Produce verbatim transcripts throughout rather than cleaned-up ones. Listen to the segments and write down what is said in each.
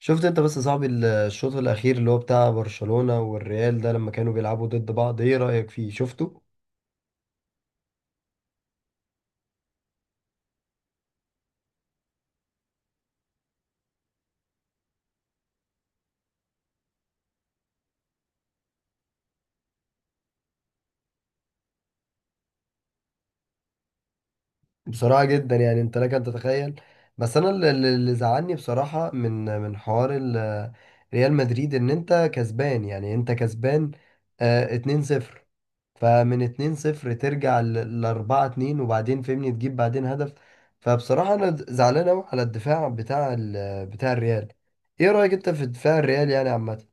شفت انت بس يا صاحبي ال- الشوط الاخير اللي هو بتاع برشلونة والريال ده لما كانوا بيلعبوا ضد بعض، ايه رأيك فيه؟ شفته بصراحة جدا يعني، انت لك ان تتخيل. بس انا اللي اللي- اللي زعلني بصراحة من من حوار ال- ريال مدريد، ان انت كسبان، يعني انت كسبان آه اتنين صفر. فمن اتنين صفر ترجع ل اربعة اتنين وبعدين فهمني تجيب بعدين هدف؟ فبصراحة انا زعلان قوي على الدفاع بتاع ال- بتاع الريال. ايه رأيك انت في دفاع الريال يعني عامة؟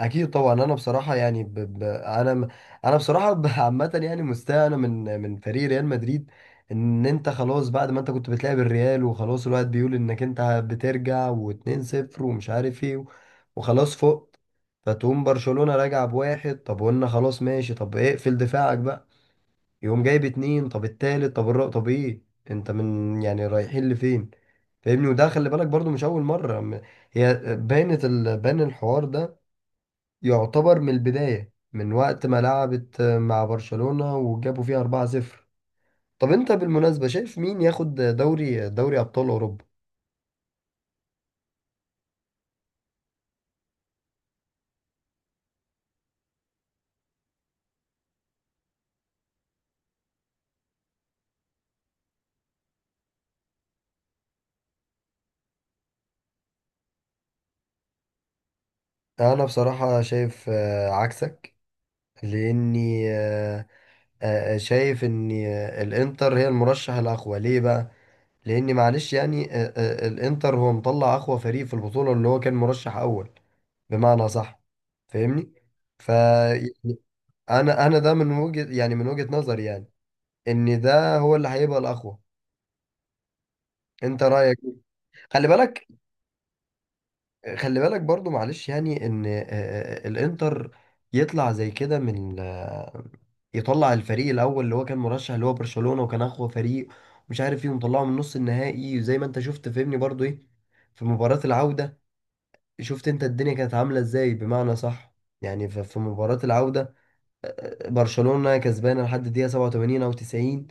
اكيد طبعا. انا بصراحه يعني ب... ب... انا م- انا بصراحه ب- عامه يعني مستاء انا من من فريق ريال مدريد. ان انت خلاص بعد ما انت كنت بتلعب الريال وخلاص الواحد بيقول انك انت بترجع و2 صفر ومش عارف ايه و- وخلاص فقت. فتقوم برشلونه راجع بواحد، طب قلنا خلاص ماشي، طب اقفل دفاعك بقى. يقوم جايب اتنين، طب التالت، طب الرابع، طب ايه؟ انت من يعني رايحين لفين؟ فاهمني؟ وده خلي بالك برضو مش اول مره. م- هي باينه ال... باين الحوار ده. يعتبر من البداية من وقت ما لعبت مع برشلونة وجابوا فيها اربعة صفر. طب انت بالمناسبة شايف مين ياخد دوري، دوري أبطال أوروبا؟ أنا بصراحة شايف آه، عكسك. لأني آه، آه، آه، شايف إن آه، الإنتر هي المرشح الأقوى. ليه بقى؟ لأن معلش يعني، آه، آه، الإنتر هو مطلع أقوى فريق في البطولة، اللي هو كان مرشح أول بمعنى صح. فاهمني؟ ف مم. يعني أنا، أنا ده من وجهة، يعني من وجهة نظري، يعني ان ده هو اللي هيبقى الاقوى. انت رايك إيه؟ خلي بالك. خلي بالك برضو معلش يعني ان آه، آه، الانتر يطلع زي كده من آه، يطلع الفريق الاول اللي هو كان مرشح، اللي هو برشلونة وكان اقوى فريق ومش عارف ايه، ومطلعه من نص النهائي. وزي ما انت شفت فهمني برضو ايه، في مباراة العودة. شفت انت الدنيا كانت عاملة ازاي بمعنى صح؟ يعني ف- في مباراة العودة آه، برشلونة كسبانة لحد الدقيقة سبعة وتمانين او تسعين.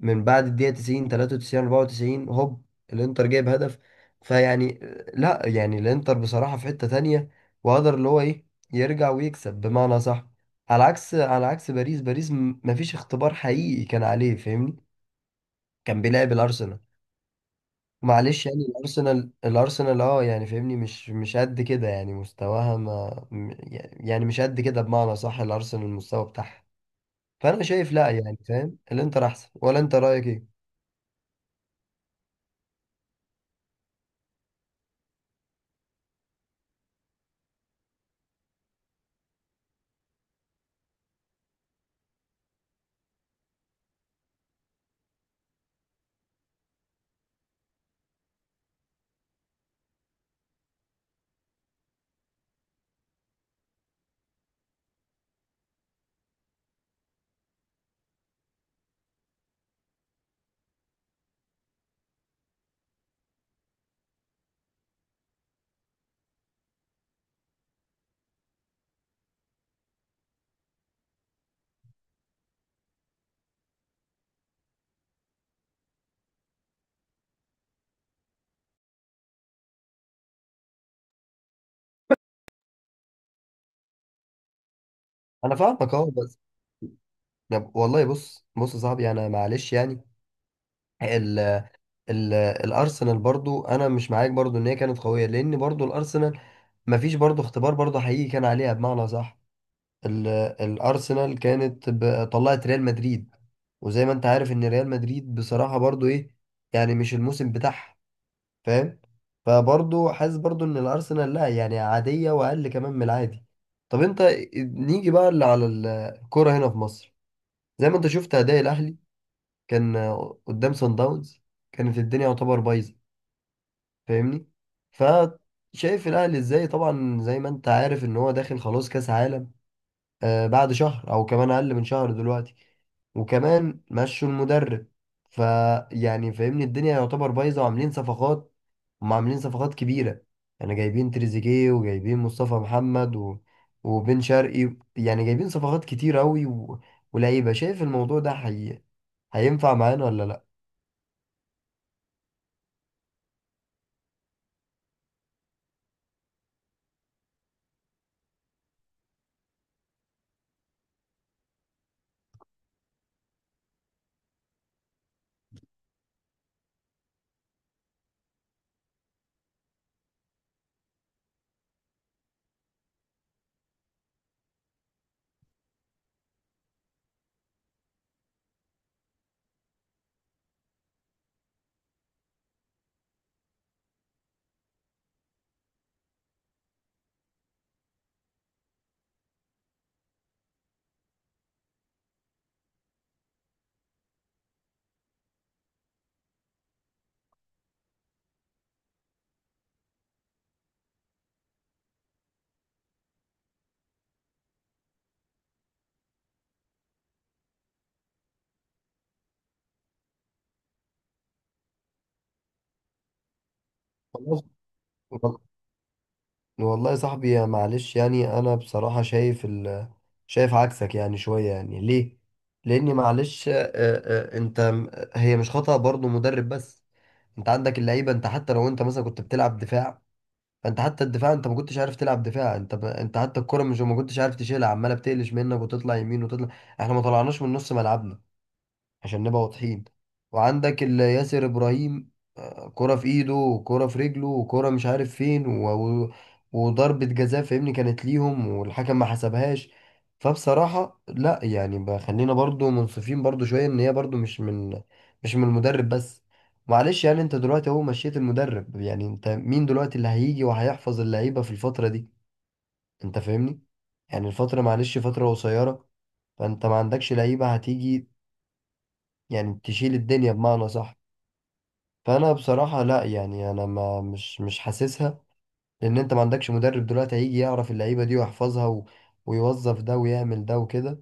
من بعد الدقيقة تسعين تلاتة وتسعين اربعة وتسعين هوب الانتر جايب هدف. فيعني، لا يعني الانتر بصراحة في حتة تانية، وقدر اللي هو ايه، يرجع ويكسب بمعنى صح. على عكس، على عكس باريس. باريس م- مفيش اختبار حقيقي كان عليه، فاهمني. كان بيلعب الارسنال. معلش يعني، الارسنال الارسنال اه يعني فاهمني، مش مش قد كده، يعني مستواها ما م- يعني مش قد كده بمعنى صح. الارسنال المستوى بتاعها. فانا شايف لا يعني، فاهم، الانتر احسن، ولا انت رايك ايه؟ انا فاهمك اه، بس طب والله، بص بص يا صاحبي، انا معلش يعني، ال ال الارسنال برضو انا مش معاك برضو ان هي كانت قويه، لان برضو الارسنال مفيش برضو اختبار برضو حقيقي كان عليها بمعنى صح. ال الارسنال كانت ب- طلعت ريال مدريد، وزي ما انت عارف ان ريال مدريد بصراحه برضو ايه، يعني مش الموسم بتاعها. فاهم؟ فبرضو حاسس برضو ان الارسنال لا يعني عاديه، واقل كمان من العادي. طب انت، نيجي بقى اللي على الكوره هنا في مصر. زي ما انت شفت اداء الاهلي كان آه، قدام سان داونز كانت الدنيا يعتبر بايظه، فاهمني. فشايف الاهلي ازاي؟ طبعا زي ما انت عارف ان هو داخل خلاص كاس عالم آه بعد شهر او كمان اقل من شهر دلوقتي، وكمان مشوا المدرب. فيعني فاهمني الدنيا يعتبر بايظه. وعاملين صفقات، هم عاملين صفقات كبيره، يعني جايبين تريزيجيه وجايبين مصطفى محمد و... وبن شرقي، يعني جايبين صفقات كتير قوي و... ولعيبه. شايف الموضوع ده حقيقي هينفع معانا ولا لا؟ وال- والله يا صاحبي يا، معلش يعني انا بصراحة شايف ال... شايف عكسك يعني شوية. يعني ليه؟ لاني معلش، آه، آه، آه، انت م- هي مش خطأ برضو مدرب بس. انت عندك اللعيبة. انت حتى لو انت مثلا كنت بتلعب دفاع، فانت حتى الدفاع، انت ما كنتش عارف تلعب دفاع. انت ب... انت حتى الكرة مش، ما كنتش عارف تشيلها، عمالة بتقلش منك وتطلع يمين وتطلع. احنا ما طلعناش من نص ملعبنا عشان نبقى واضحين. وعندك ال- ياسر ابراهيم آه، كرة في ايده وكرة في رجله وكرة مش عارف فين و... و... وضربة جزاء فاهمني كانت ليهم والحكم ما حسبهاش. فبصراحة لا، يعني بقى خلينا برضو منصفين برضو شوية، ان هي برضو مش من، مش من المدرب بس. معلش يعني انت دلوقتي اهو مشيت المدرب، يعني انت مين دلوقتي اللي هيجي وهيحفظ اللعيبة في الفترة دي؟ انت فاهمني. يعني الفترة معلش فترة قصيرة. فانت ما عندكش لعيبة هتيجي يعني تشيل الدنيا بمعنى صح. فانا بصراحه لا يعني، انا ما مش مش حاسسها. لان انت ما عندكش مدرب دلوقتي هيجي يعرف اللعيبه دي ويحفظها و... ويوظف ده ويعمل ده وكده.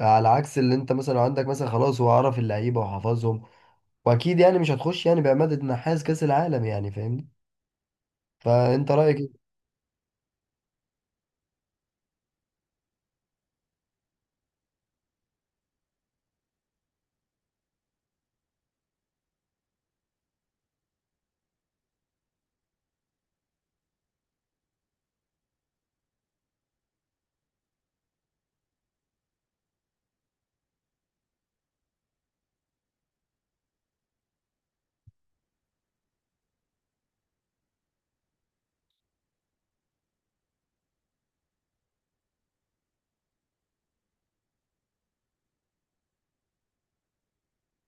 على عكس اللي انت مثلا لو عندك، مثلا خلاص هو عرف اللعيبه وحفظهم. واكيد يعني مش هتخش يعني بعماده نحاس كاس العالم، يعني فاهمني. فانت رايك ايه؟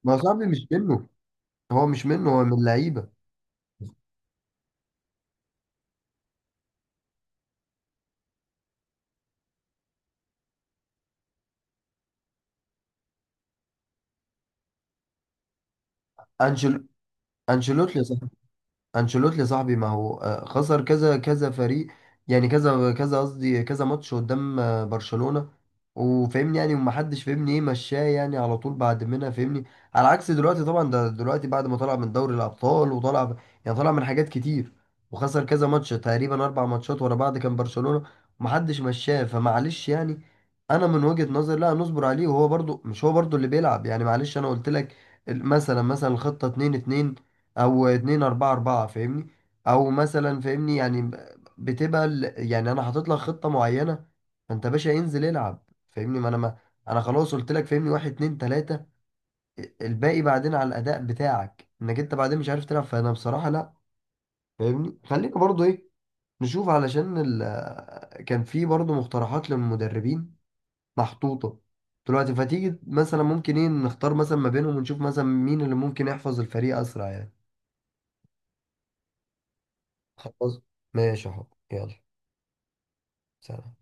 ما هو صاحبي مش منه، هو مش منه، هو من اللعيبه. انشل انشيلوتي. انشيلوتي يا صاحبي، ما هو آه، خسر كذا كذا فريق، يعني كذا كذا قصدي كذا ماتش قدام آه، برشلونة، وفهمني يعني ومحدش فهمني ايه مشاه يعني على طول بعد منها فهمني. على عكس دلوقتي طبعا، ده دلوقتي بعد ما طلع من دوري الابطال وطلع، يعني طلع من حاجات كتير وخسر كذا ماتش تقريبا اربع ماتشات ورا بعض كان برشلونة، ومحدش مشاه. فمعلش يعني، انا من وجهة نظري لا، نصبر عليه، وهو برضو مش هو برضو اللي بيلعب. يعني معلش انا قلت لك ال- مثلا، مثلا الخطة اتنين اتنين او اتنين اربعة اربعة فاهمني، او مثلا فاهمني يعني ب- بتبقى ال- يعني انا حاطط لك خطة معينة، فانت باشا انزل العب. فاهمني؟ ما انا ما انا خلاص قلت لك فاهمني واحد اتنين تلاتة، الباقي بعدين على الاداء بتاعك، انك انت بعدين مش عارف تلعب. فانا بصراحة لا، فاهمني، خلينا برضو ايه، نشوف، علشان ال... كان في برضو مقترحات للمدربين محطوطة دلوقتي. فتيجي مثلا ممكن ايه نختار مثلا ما بينهم ونشوف مثلا مين اللي ممكن يحفظ الفريق اسرع يعني. خلاص ماشي اهو يلا، سلام.